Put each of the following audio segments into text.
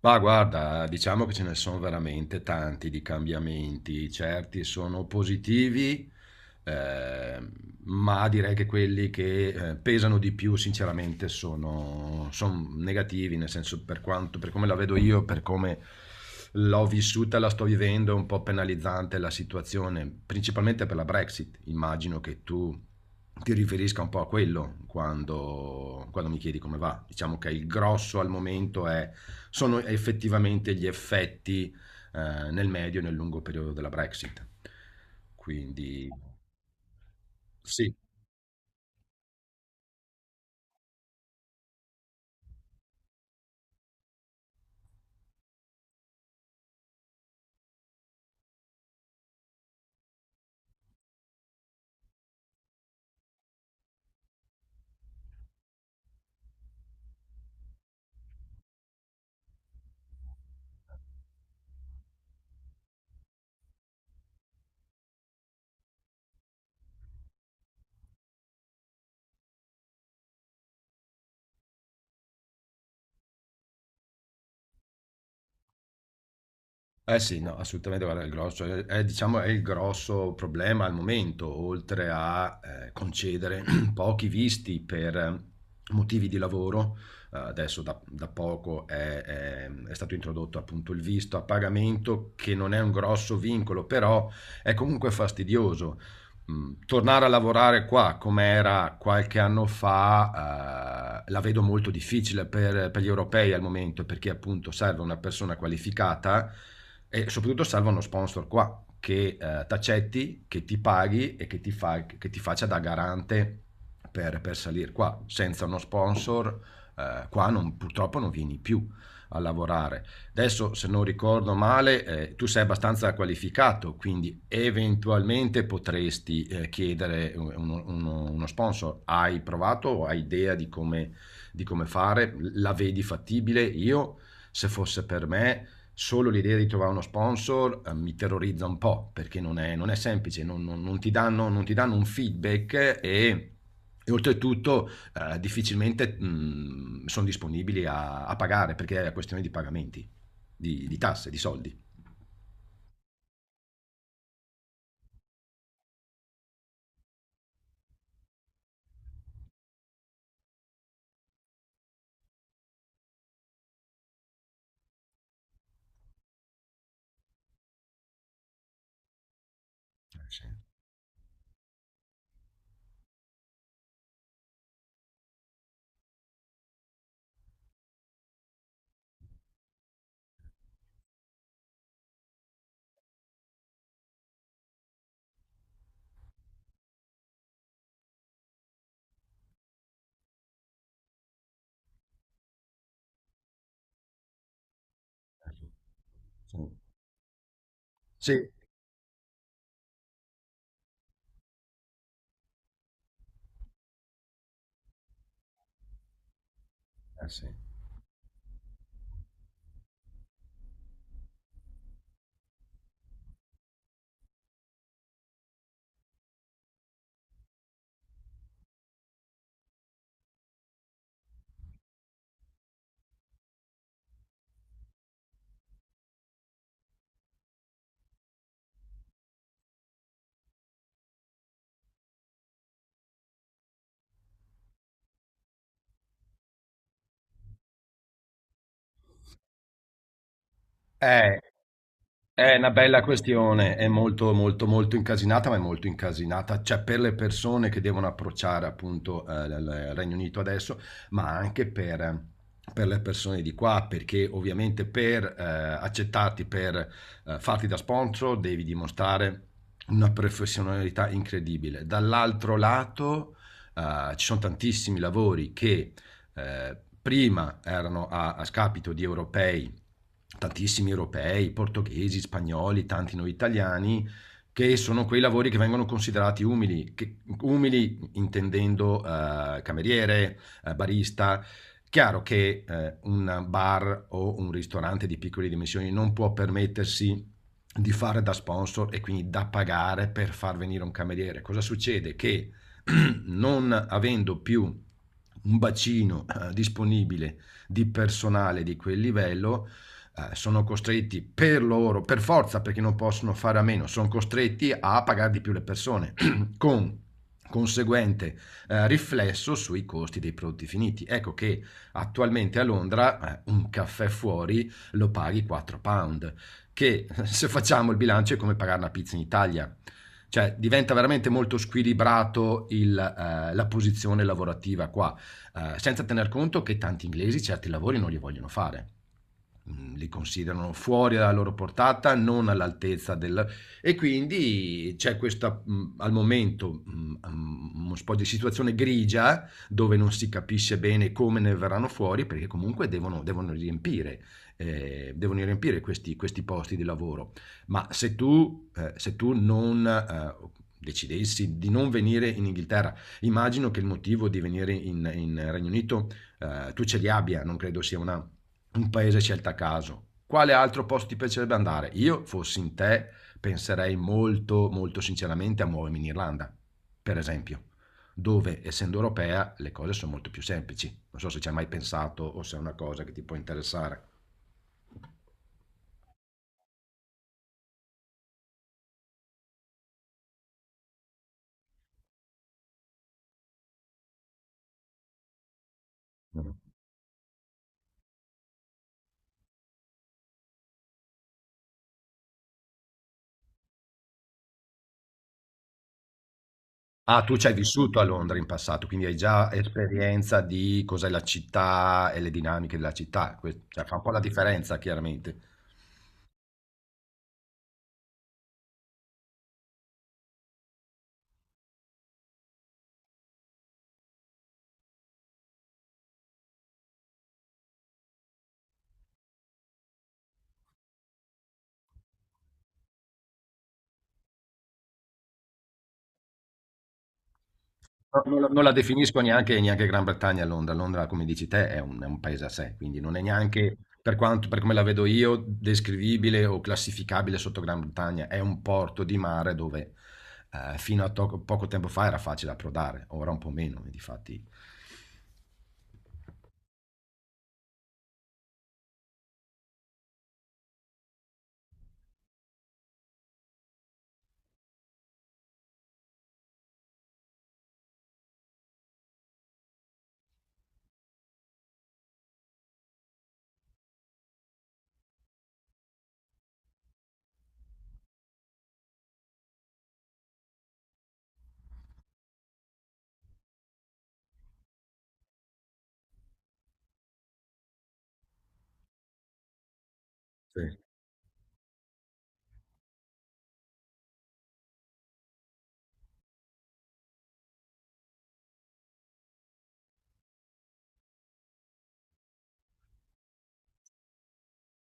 Ma guarda, diciamo che ce ne sono veramente tanti di cambiamenti, certi sono positivi, ehm, ma direi che quelli che pesano di più sinceramente son negativi, nel senso per quanto, per come la vedo io, per come l'ho vissuta, la sto vivendo, è un po' penalizzante la situazione, principalmente per la Brexit. Immagino che tu ti riferisca un po' a quello quando mi chiedi come va. Diciamo che il grosso al momento è, sono effettivamente gli effetti nel medio e nel lungo periodo della Brexit. Quindi sì. Eh sì, no, assolutamente, guarda, il grosso, diciamo, è il grosso problema al momento, oltre a concedere pochi visti per motivi di lavoro, adesso da poco è stato introdotto appunto il visto a pagamento, che non è un grosso vincolo, però è comunque fastidioso. Tornare a lavorare qua com'era qualche anno fa, la vedo molto difficile per gli europei al momento, perché appunto serve una persona qualificata e soprattutto serve uno sponsor qua che, t'accetti, che ti paghi e che ti faccia da garante per salir qua. Senza uno sponsor, qua non purtroppo non vieni più a lavorare. Adesso, se non ricordo male, tu sei abbastanza qualificato, quindi eventualmente potresti chiedere uno sponsor. Hai provato o hai idea di come fare? La vedi fattibile? Io, se fosse per me, solo l'idea di trovare uno sponsor mi terrorizza un po', perché non è semplice, non ti danno, non ti danno un feedback e... e oltretutto difficilmente sono disponibili a pagare perché è una questione di pagamenti di tasse, di soldi. Eh sì, sì. Sì, eh sì. è, è una bella questione, è molto, molto, molto incasinata, ma è molto incasinata, cioè per le persone che devono approcciare appunto il Regno Unito adesso, ma anche per le persone di qua, perché ovviamente per accettarti, per farti da sponsor, devi dimostrare una professionalità incredibile. Dall'altro lato, ci sono tantissimi lavori che prima erano a scapito di europei, tantissimi europei, portoghesi, spagnoli, tanti noi italiani, che sono quei lavori che vengono considerati umili, che- umili intendendo cameriere, barista. Chiaro che un bar o un ristorante di piccole dimensioni non può permettersi di fare da sponsor e quindi da pagare per far venire un cameriere. Cosa succede? Che non avendo più un bacino disponibile di personale di quel livello, sono costretti per loro, per forza, perché non possono fare a meno, sono costretti a pagare di più le persone, con conseguente riflesso sui costi dei prodotti finiti. Ecco che attualmente a Londra un caffè fuori lo paghi 4 pound, che se facciamo il bilancio è come pagare una pizza in Italia, cioè, diventa veramente molto squilibrato la posizione lavorativa qua, senza tener conto che tanti inglesi certi lavori non li vogliono fare. Li considerano fuori dalla loro portata, non all'altezza del, e quindi c'è questa, al momento, uno po' di situazione grigia, dove non si capisce bene come ne verranno fuori, perché comunque devono riempire, devono riempire questi posti di lavoro. Ma se tu se tu non decidessi di non venire in Inghilterra, immagino che il motivo di venire in Regno Unito, tu ce li abbia, non credo sia una, un paese scelto a caso. Quale altro posto ti piacerebbe andare? Io, fossi in te, penserei molto, molto sinceramente a muovermi in Irlanda, per esempio, dove, essendo europea, le cose sono molto più semplici. Non so se ci hai mai pensato o se è una cosa che ti può interessare. Ah, tu ci hai vissuto a Londra in passato, quindi hai già esperienza di cos'è la città e le dinamiche della città. Que- cioè, fa un po' la differenza, chiaramente. No, non la definisco neanche, neanche Gran Bretagna a Londra. Londra, come dici te, è un paese a sé, quindi non è neanche, per quanto, per come la vedo io, descrivibile o classificabile sotto Gran Bretagna. È un porto di mare dove fino a to- poco tempo fa era facile approdare, ora un po' meno, difatti.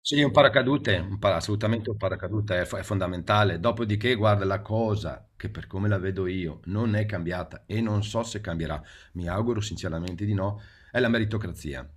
Sì, un paracadute, un para- assolutamente un paracadute è, fo- è fondamentale. Dopodiché, guarda, la cosa che per come la vedo io non è cambiata e non so se cambierà, mi auguro sinceramente di no, è la meritocrazia.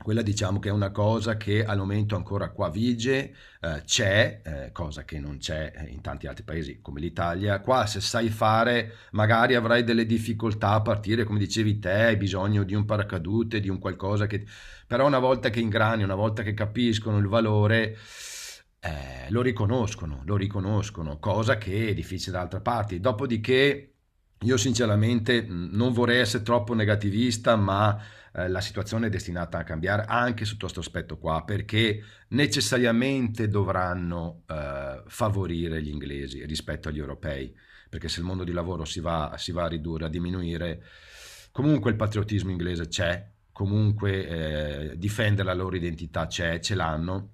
Quella diciamo che è una cosa che al momento ancora qua vige, c'è, cosa che non c'è in tanti altri paesi come l'Italia. Qua se sai fare magari avrai delle difficoltà a partire, come dicevi te, hai bisogno di un paracadute, di un qualcosa che però una volta che ingrani, una volta che capiscono il valore, lo riconoscono, cosa che è difficile da altre parti. Dopodiché, io sinceramente non vorrei essere troppo negativista, ma la situazione è destinata a cambiare anche sotto questo aspetto qua, perché necessariamente dovranno favorire gli inglesi rispetto agli europei, perché se il mondo di lavoro si va a ridurre, a diminuire, comunque il patriottismo inglese c'è, comunque difendere la loro identità c'è, ce l'hanno.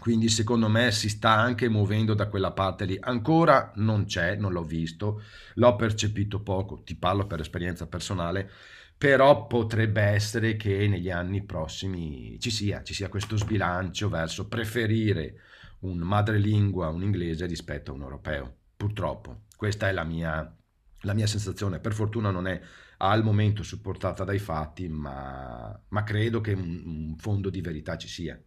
Quindi secondo me si sta anche muovendo da quella parte lì. Ancora non c'è, non l'ho visto, l'ho percepito poco, ti parlo per esperienza personale, però potrebbe essere che negli anni prossimi ci sia questo sbilancio verso preferire un madrelingua, un inglese rispetto a un europeo. Purtroppo, questa è la mia sensazione. Per fortuna non è al momento supportata dai fatti, ma credo che un fondo di verità ci sia.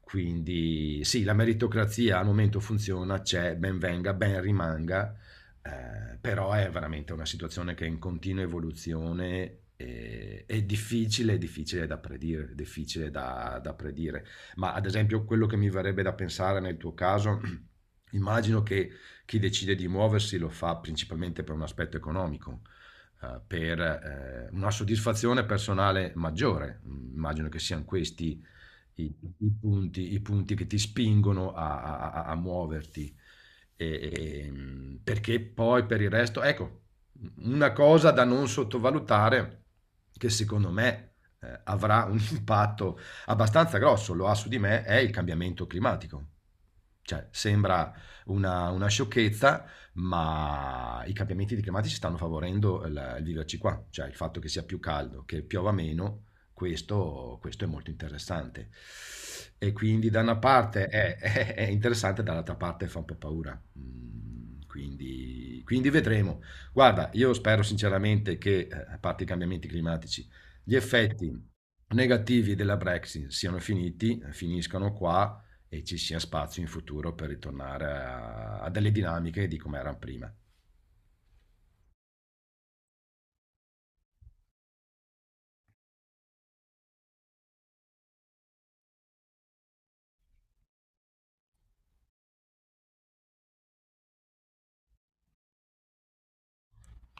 Quindi sì, la meritocrazia al momento funziona, c'è, ben venga, ben rimanga, però è veramente una situazione che è in continua evoluzione e è difficile da predire, da predire. Ma ad esempio quello che mi verrebbe da pensare nel tuo caso, immagino che chi decide di muoversi lo fa principalmente per un aspetto economico, per una soddisfazione personale maggiore. Immagino che siano questi i punti, i punti che ti spingono a muoverti, e perché poi per il resto ecco, u una cosa da non sottovalutare, che secondo me, avrà un impatto abbastanza grosso, lo ha su di me, è il cambiamento climatico. Cioè, sembra una sciocchezza, ma i cambiamenti di climatici stanno favorendo il viverci qua, cioè il fatto che sia più caldo, che piova meno, questo è molto interessante. E quindi da una parte è, è interessante, dall'altra parte fa un po' paura. Quindi, quindi vedremo. Guarda, io spero sinceramente che, a parte i cambiamenti climatici, gli effetti negativi della Brexit siano finiti, finiscano qua e ci sia spazio in futuro per ritornare a delle dinamiche di come erano prima.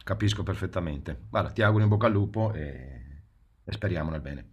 Capisco perfettamente. Guarda, ti auguro in bocca al lupo e speriamo nel bene.